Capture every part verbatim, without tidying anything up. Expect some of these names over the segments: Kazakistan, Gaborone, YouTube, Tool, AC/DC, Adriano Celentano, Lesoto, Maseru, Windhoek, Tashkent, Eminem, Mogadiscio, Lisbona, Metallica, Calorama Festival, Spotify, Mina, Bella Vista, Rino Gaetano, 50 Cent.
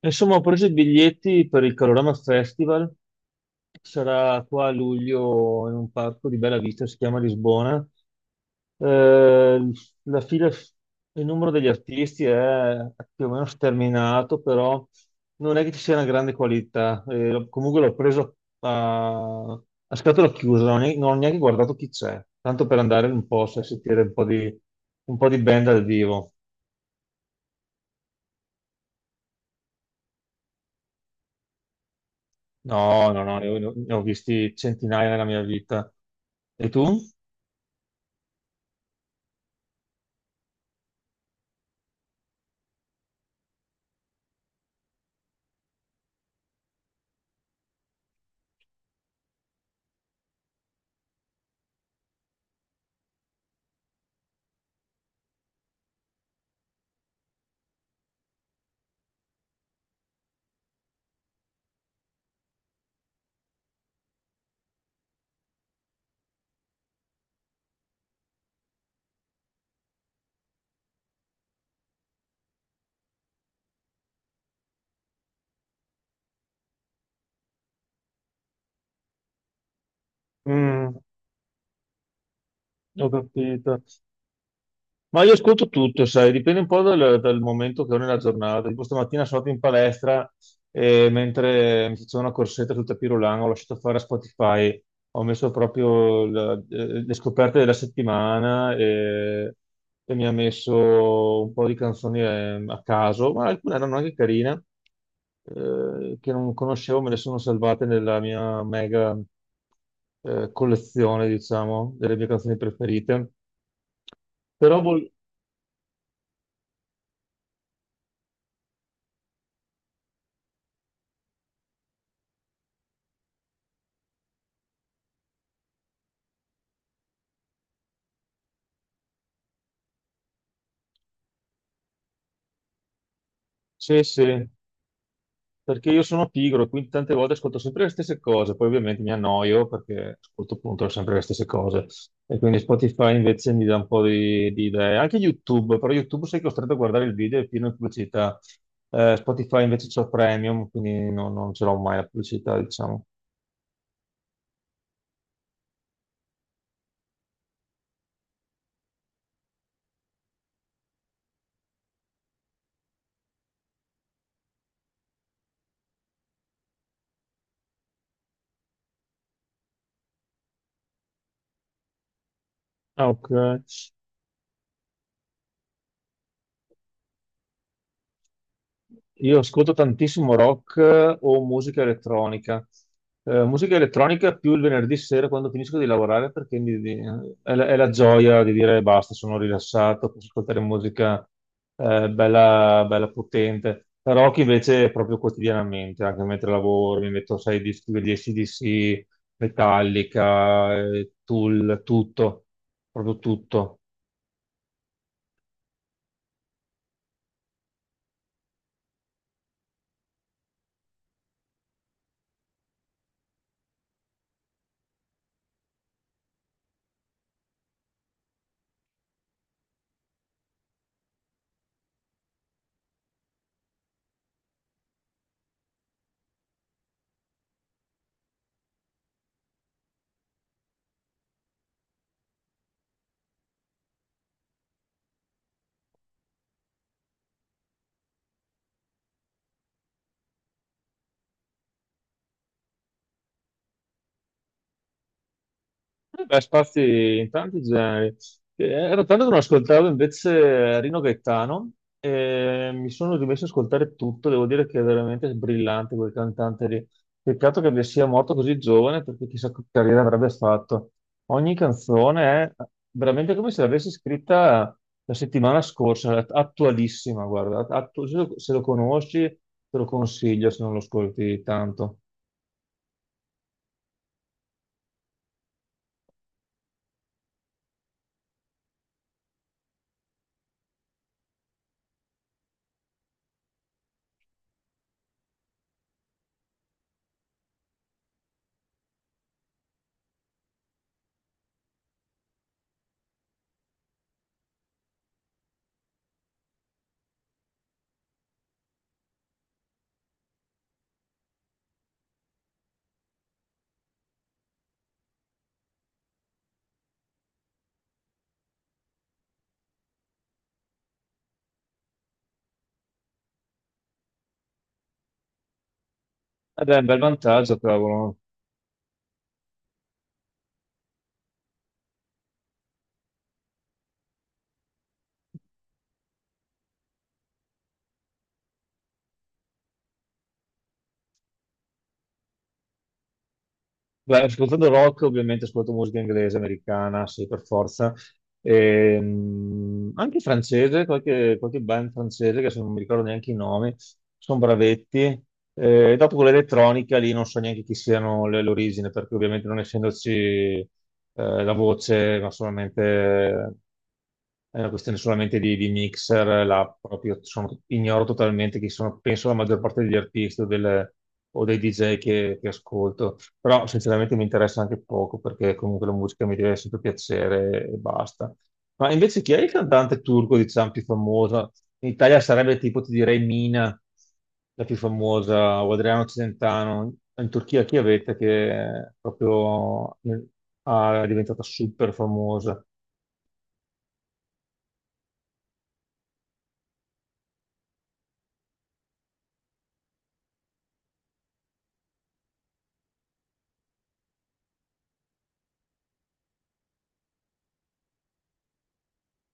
Insomma, ho preso i biglietti per il Calorama Festival, sarà qua a luglio in un parco di Bella Vista, si chiama Lisbona. Eh, la fila, il numero degli artisti è più o meno sterminato, però non è che ci sia una grande qualità. Eh, l'ho- comunque l'ho preso a, a scatola chiusa, non, ho ne- non ho neanche guardato chi c'è, tanto per andare un po' a sentire un po' di, un po' di band dal vivo. No, no, no, ne ho, ne ho visti centinaia nella mia vita. E tu? Mm, ho capito. Ma io ascolto tutto, sai, dipende un po' dal, dal momento che ho nella giornata. Tipo stamattina sono andato in palestra e mentre mi facevo una corsetta tutta pirulana, ho lasciato fare a Spotify, ho messo proprio la- eh, le scoperte della settimana e, e mi ha messo un po' di canzoni eh, a caso, ma alcune erano anche carine, eh, che non conoscevo, me le sono salvate nella mia mega eh, collezione, diciamo, delle mie canzoni preferite. Però vol- sì, sì, perché io sono pigro, quindi tante volte ascolto sempre le stesse cose, poi ovviamente mi annoio perché ascolto appunto sempre le stesse cose e quindi Spotify invece mi dà un po' di, di idee. Anche YouTube, però YouTube sei costretto a guardare il video e pieno di pubblicità. Eh, Spotify invece c'ho Premium, quindi non, non ce l'ho mai la pubblicità, diciamo. Ah, ok. Io ascolto tantissimo rock eh, o musica elettronica. Eh, musica elettronica più il venerdì sera quando finisco di lavorare perché mi- di- è, la, è la gioia di dire basta, sono rilassato, posso ascoltare musica eh, bella, bella potente. La rock invece è proprio quotidianamente, anche mentre lavoro, mi metto sei dischi degli A C/D C, Metallica, eh, Tool, tutto, proprio tutto. Beh, spazi in tanti generi. Eh, Ero tanto che non ascoltavo invece Rino Gaetano e mi sono rimesso ad ascoltare tutto. Devo dire che è veramente brillante quel cantante lì. Peccato che abbia- sia morto così giovane perché chissà che carriera avrebbe fatto. Ogni canzone è veramente come se l'avessi scritta la settimana scorsa, attualissima, guarda. Attu- se lo se lo conosci, te lo consiglio se non lo ascolti tanto. Ed è un bel vantaggio, cavolo. Beh, ascoltando rock, ovviamente ascolto musica inglese, americana, sì, per forza. Ehm, anche francese, qualche, qualche band francese, che se non mi ricordo neanche i nomi, sono bravetti. Eh, dopo con l'elettronica lì non so neanche chi siano le- l'origine, perché ovviamente non essendoci eh, la voce, ma solamente è una questione solamente di, di mixer, là proprio sono- ignoro totalmente chi sono, penso la maggior parte degli artisti o, del- o dei D J che, che ascolto, però sinceramente mi interessa anche poco perché comunque la musica mi deve sempre piacere e basta. Ma invece chi è il cantante turco, diciamo, più famoso? In Italia sarebbe tipo, ti direi, Mina, la più famosa, o Adriano Celentano. In Turchia chi avete che è proprio eh, ah, è diventata super famosa?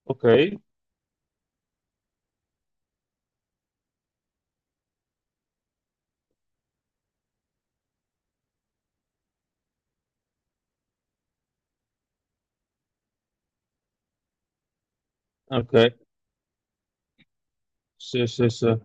Ok. Ok, sì, sì, sì.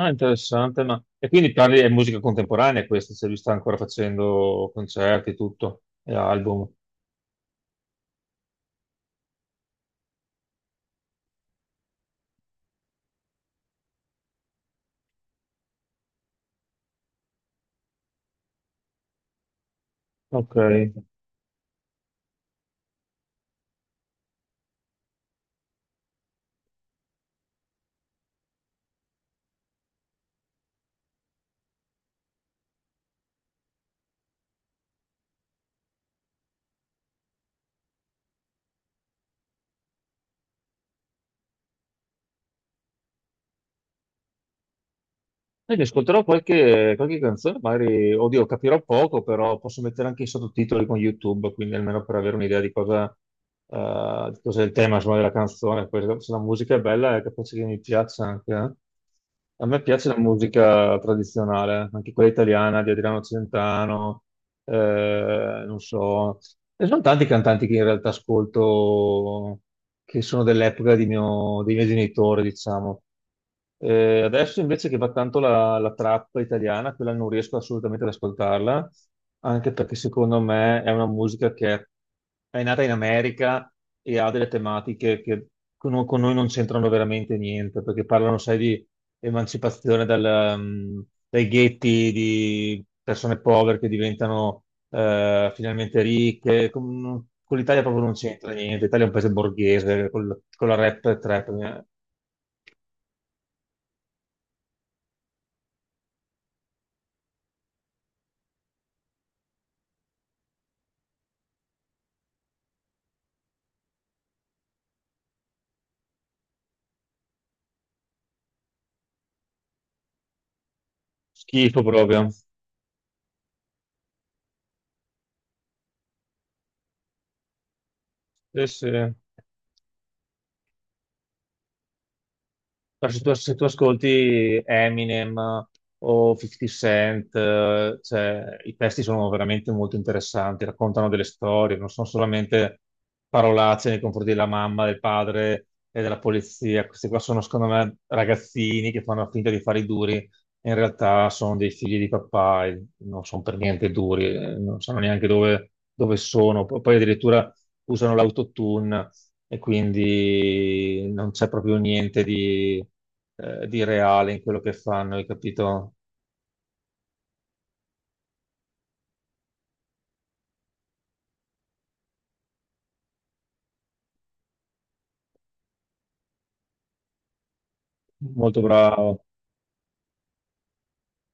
Ah, interessante, ma... E quindi parli di musica contemporanea questa, se lui sta ancora facendo concerti, tutto, e album. Ok. E mi ascolterò qualche, qualche canzone, magari, oddio, capirò poco, però posso mettere anche i sottotitoli con YouTube, quindi almeno per avere un'idea di cosa, eh, di cosa è il tema, insomma, della canzone. Poi, se la musica è bella, è capace che mi piaccia anche. eh. A me piace la musica tradizionale, anche quella italiana di Adriano Celentano, eh, non so. E sono tanti cantanti che in realtà ascolto, che sono dell'epoca di mio- dei miei genitori, diciamo. Eh, adesso invece che va tanto la, la trap italiana, quella non riesco assolutamente ad ascoltarla, anche perché secondo me è una musica che è nata in America e ha delle tematiche che con, con noi non c'entrano veramente niente, perché parlano, sai, di emancipazione dal, mm, dai ghetti, di persone povere che diventano eh, finalmente ricche. Con, con l'Italia proprio non c'entra niente. L'Italia è un paese borghese, col- con la rap e trap, eh, schifo proprio. Sì, sì. Ma Se tu, se tu ascolti Eminem o fifty Cent, eh, cioè, i testi sono veramente molto interessanti, raccontano delle storie, non sono solamente parolacce nei confronti della mamma, del padre e della polizia. Questi qua sono, secondo me, ragazzini che fanno finta di fare i duri, e in realtà sono dei figli di papà e non sono per niente duri, eh, non sanno neanche dove, dove sono. P- Poi addirittura usano l'autotune e quindi non c'è proprio niente di, eh, di reale in quello che fanno, hai capito? Molto bravo.